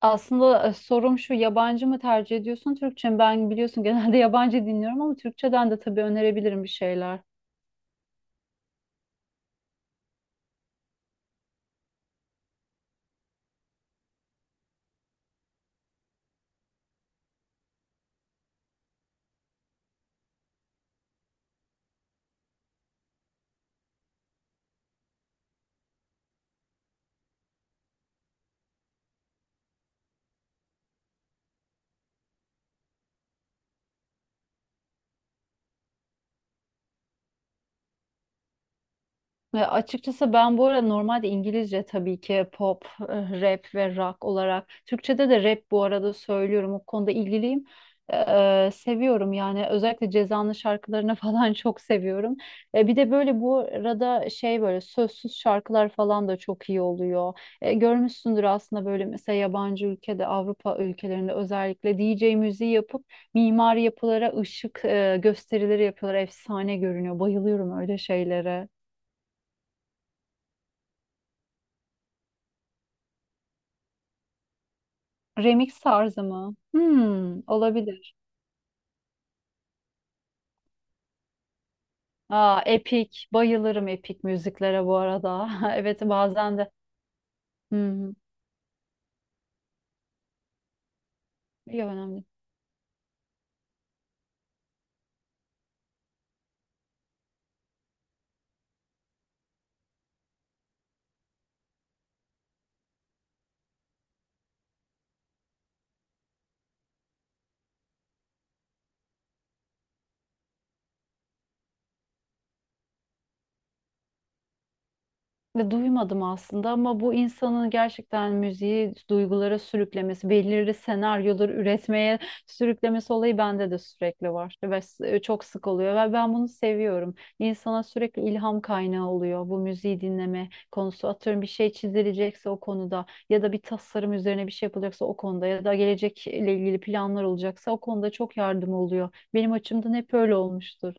Aslında sorum şu, yabancı mı tercih ediyorsun Türkçe mi? Ben biliyorsun genelde yabancı dinliyorum ama Türkçeden de tabii önerebilirim bir şeyler. Ya açıkçası ben bu arada normalde İngilizce tabii ki pop, rap ve rock olarak. Türkçe'de de rap bu arada söylüyorum. O konuda ilgiliyim. Seviyorum yani, özellikle Ceza'nın şarkılarını falan çok seviyorum. Bir de böyle bu arada şey, böyle sözsüz şarkılar falan da çok iyi oluyor. Görmüşsündür aslında, böyle mesela yabancı ülkede, Avrupa ülkelerinde özellikle DJ müziği yapıp mimari yapılara ışık gösterileri yapıyorlar. Efsane görünüyor. Bayılıyorum öyle şeylere. Remix tarzı mı? Hmm, olabilir. Aa, Epic. Bayılırım Epic müziklere bu arada. Evet, bazen de. Hı hı. İyi, önemli. Ve duymadım aslında, ama bu insanın gerçekten müziği duygulara sürüklemesi, belirli senaryoları üretmeye sürüklemesi olayı bende de sürekli var ve çok sık oluyor ve ben bunu seviyorum. İnsana sürekli ilham kaynağı oluyor bu müziği dinleme konusu. Atıyorum, bir şey çizilecekse o konuda, ya da bir tasarım üzerine bir şey yapılacaksa o konuda, ya da gelecekle ilgili planlar olacaksa o konuda çok yardım oluyor. Benim açımdan hep öyle olmuştur.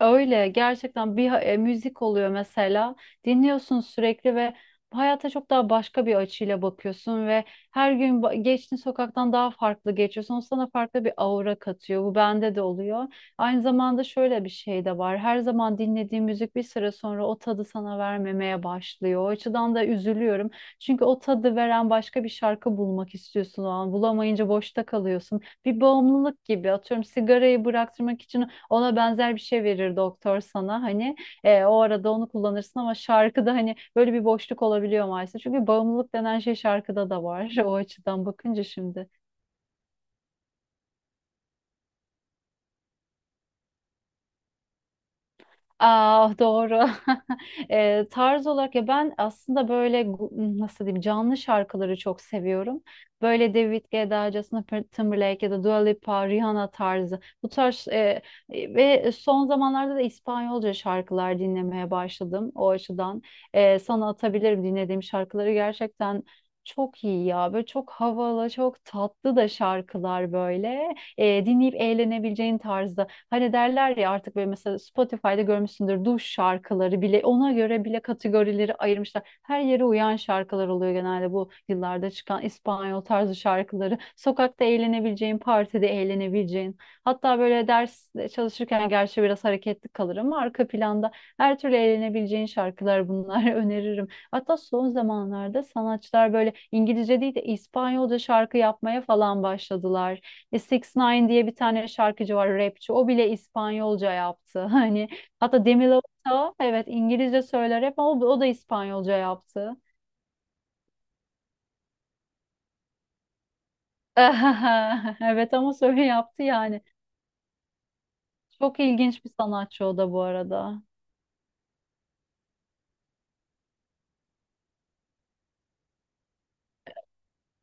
Öyle gerçekten bir müzik oluyor mesela, dinliyorsun sürekli ve hayata çok daha başka bir açıyla bakıyorsun ve her gün geçtiğin sokaktan daha farklı geçiyorsun. O sana farklı bir aura katıyor. Bu bende de oluyor. Aynı zamanda şöyle bir şey de var. Her zaman dinlediğim müzik bir süre sonra o tadı sana vermemeye başlıyor. O açıdan da üzülüyorum. Çünkü o tadı veren başka bir şarkı bulmak istiyorsun o an. Bulamayınca boşta kalıyorsun. Bir bağımlılık gibi, atıyorum sigarayı bıraktırmak için ona benzer bir şey verir doktor sana, hani o arada onu kullanırsın, ama şarkıda hani böyle bir boşluk olabiliyor maalesef. Çünkü bağımlılık denen şey şarkıda da var o açıdan bakınca şimdi. Aa, doğru. Tarz olarak, ya ben aslında böyle nasıl diyeyim, canlı şarkıları çok seviyorum. Böyle David Guetta, Justin Timberlake ya da Dua Lipa, Rihanna tarzı. Bu tarz ve son zamanlarda da İspanyolca şarkılar dinlemeye başladım. O açıdan, sana atabilirim dinlediğim şarkıları, gerçekten çok iyi ya. Böyle çok havalı, çok tatlı da şarkılar, böyle dinleyip eğlenebileceğin tarzda. Hani derler ya, artık böyle mesela Spotify'da görmüşsündür, duş şarkıları bile, ona göre bile kategorileri ayırmışlar. Her yere uyan şarkılar oluyor genelde, bu yıllarda çıkan İspanyol tarzı şarkıları. Sokakta eğlenebileceğin, partide eğlenebileceğin. Hatta böyle ders çalışırken, gerçi biraz hareketli kalır ama arka planda her türlü eğlenebileceğin şarkılar bunlar. Öneririm. Hatta son zamanlarda sanatçılar böyle İngilizce değil de İspanyolca şarkı yapmaya falan başladılar. 6 ix diye bir tane şarkıcı var, rapçi. O bile İspanyolca yaptı. Hani hatta Demi Lovato, evet İngilizce söyler hep ama o da İspanyolca yaptı. Evet, ama söyle yaptı yani. Çok ilginç bir sanatçı o da bu arada.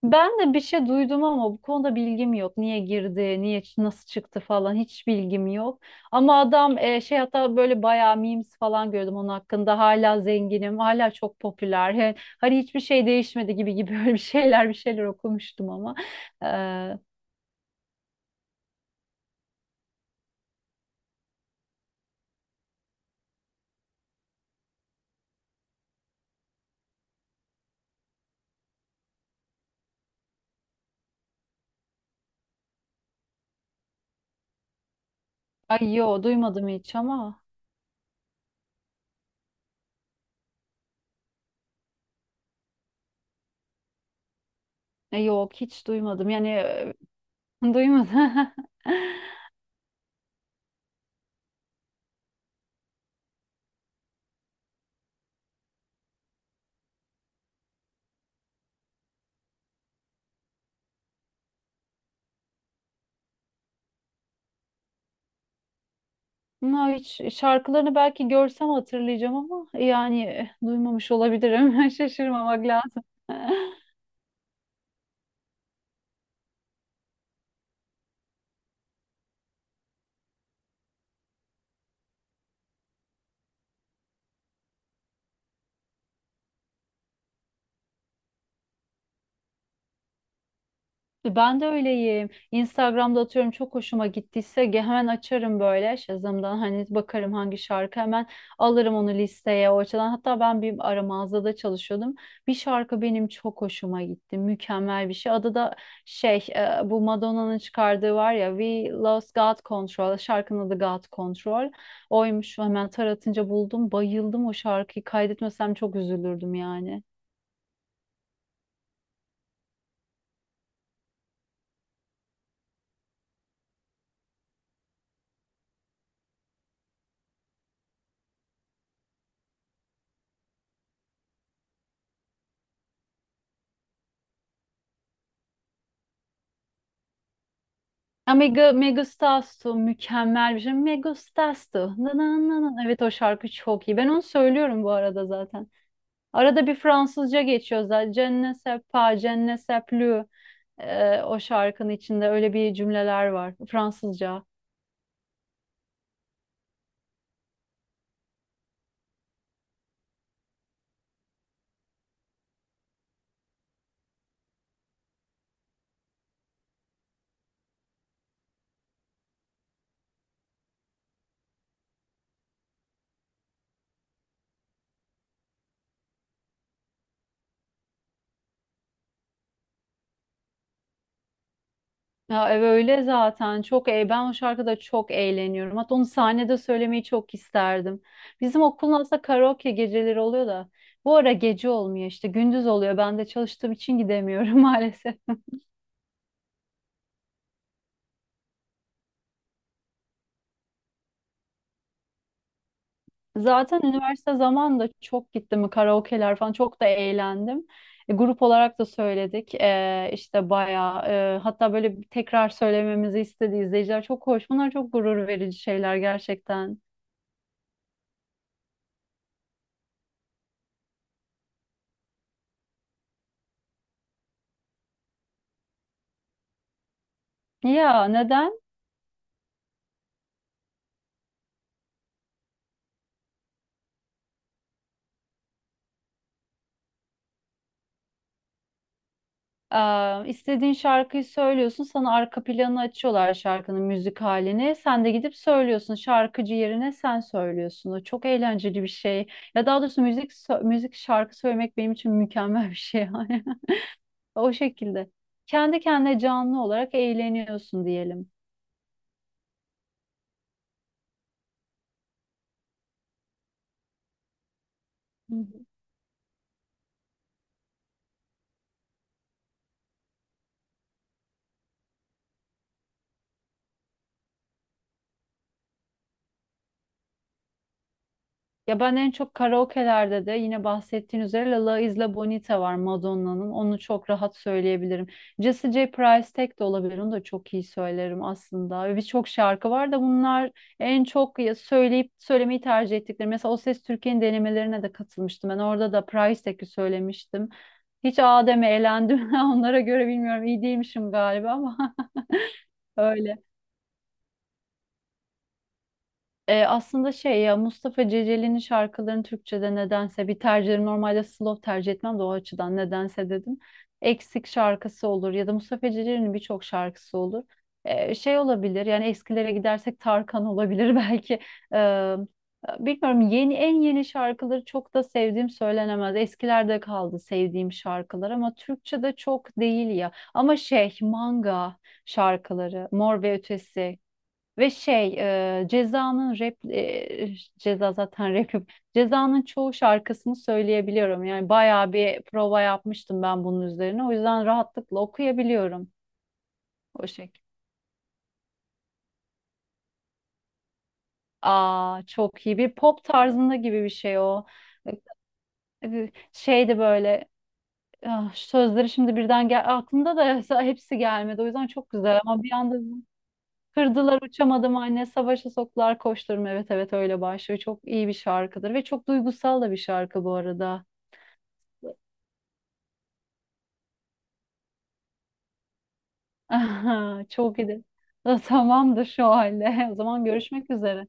Ben de bir şey duydum ama bu konuda bilgim yok. Niye girdi, niye nasıl çıktı falan, hiç bilgim yok. Ama adam, şey, hatta böyle bayağı memes falan gördüm onun hakkında. Hala zenginim, hala çok popüler. Hani hiçbir şey değişmedi gibi gibi, böyle bir şeyler bir şeyler okumuştum ama. Ee, Ay yo, duymadım hiç ama. Yok, hiç duymadım yani, duymadım. No, hiç şarkılarını belki görsem hatırlayacağım ama, yani duymamış olabilirim. Şaşırmamak lazım. Ben de öyleyim. Instagram'da atıyorum, çok hoşuma gittiyse hemen açarım böyle Shazam'dan, hani bakarım hangi şarkı, hemen alırım onu listeye, o açıdan. Hatta ben bir ara mağazada çalışıyordum. Bir şarkı benim çok hoşuma gitti. Mükemmel bir şey. Adı da şey, bu Madonna'nın çıkardığı var ya, We Lost God Control. Şarkının adı God Control. Oymuş, hemen taratınca buldum. Bayıldım o şarkıyı. Kaydetmesem çok üzülürdüm yani. Ya Megustastu, mükemmel bir şey. Megustastu. Na na na na. Evet, o şarkı çok iyi. Ben onu söylüyorum bu arada zaten. Arada bir Fransızca geçiyor zaten. Je ne sais pas, je ne sais plus. O şarkının içinde öyle bir cümleler var. Fransızca. Ya evet, öyle zaten. Çok ben o şarkıda çok eğleniyorum. Hatta onu sahnede söylemeyi çok isterdim. Bizim okulun aslında karaoke geceleri oluyor da. Bu ara gece olmuyor, işte gündüz oluyor. Ben de çalıştığım için gidemiyorum maalesef. Zaten üniversite zamanında çok gittim karaoke'ler falan, çok da eğlendim. Grup olarak da söyledik, işte bayağı, hatta böyle bir tekrar söylememizi istedi izleyiciler, çok hoş. Bunlar çok gurur verici şeyler gerçekten. Ya neden? İstediğin şarkıyı söylüyorsun, sana arka planı açıyorlar, şarkının müzik halini. Sen de gidip söylüyorsun, şarkıcı yerine sen söylüyorsun. O çok eğlenceli bir şey. Ya daha doğrusu müzik şarkı söylemek benim için mükemmel bir şey. O şekilde. Kendi kendine canlı olarak eğleniyorsun diyelim. Hı hı. Ya ben en çok karaoke'lerde de, yine bahsettiğin üzere, La La Isla Bonita var Madonna'nın. Onu çok rahat söyleyebilirim. Jesse J. Price tek de olabilir. Onu da çok iyi söylerim aslında. Ve birçok şarkı var da, bunlar en çok söyleyip söylemeyi tercih ettikleri. Mesela O Ses Türkiye'nin denemelerine de katılmıştım. Ben orada da Price Tek'i söylemiştim. Hiç Adem'e eğlendim. Onlara göre bilmiyorum, iyi değilmişim galiba ama öyle. Aslında şey, ya Mustafa Ceceli'nin şarkılarını Türkçe'de, nedense bir tercihim, normalde slow tercih etmem de, o açıdan nedense dedim. Eksik şarkısı olur ya da, Mustafa Ceceli'nin birçok şarkısı olur. Şey olabilir yani, eskilere gidersek Tarkan olabilir belki. E, Bilmiyorum, yeni en yeni şarkıları çok da sevdiğim söylenemez. Eskilerde kaldı sevdiğim şarkılar, ama Türkçe'de çok değil ya. Ama şey, manga şarkıları, Mor ve Ötesi, ve şey, Ceza'nın rap, Ceza zaten rapim. Ceza'nın çoğu şarkısını söyleyebiliyorum. Yani bayağı bir prova yapmıştım ben bunun üzerine. O yüzden rahatlıkla okuyabiliyorum o şekilde. Aa, çok iyi, bir pop tarzında gibi bir şey o. Şeydi böyle, sözleri şimdi birden gel aklımda da hepsi gelmedi. O yüzden çok güzel, ama bir anda kırdılar, uçamadım anne, savaşa soktular, koşturum, evet evet, öyle başlıyor, çok iyi bir şarkıdır ve çok duygusal da bir şarkı bu arada. Çok iyi de. Tamamdır, şu halde o zaman görüşmek üzere.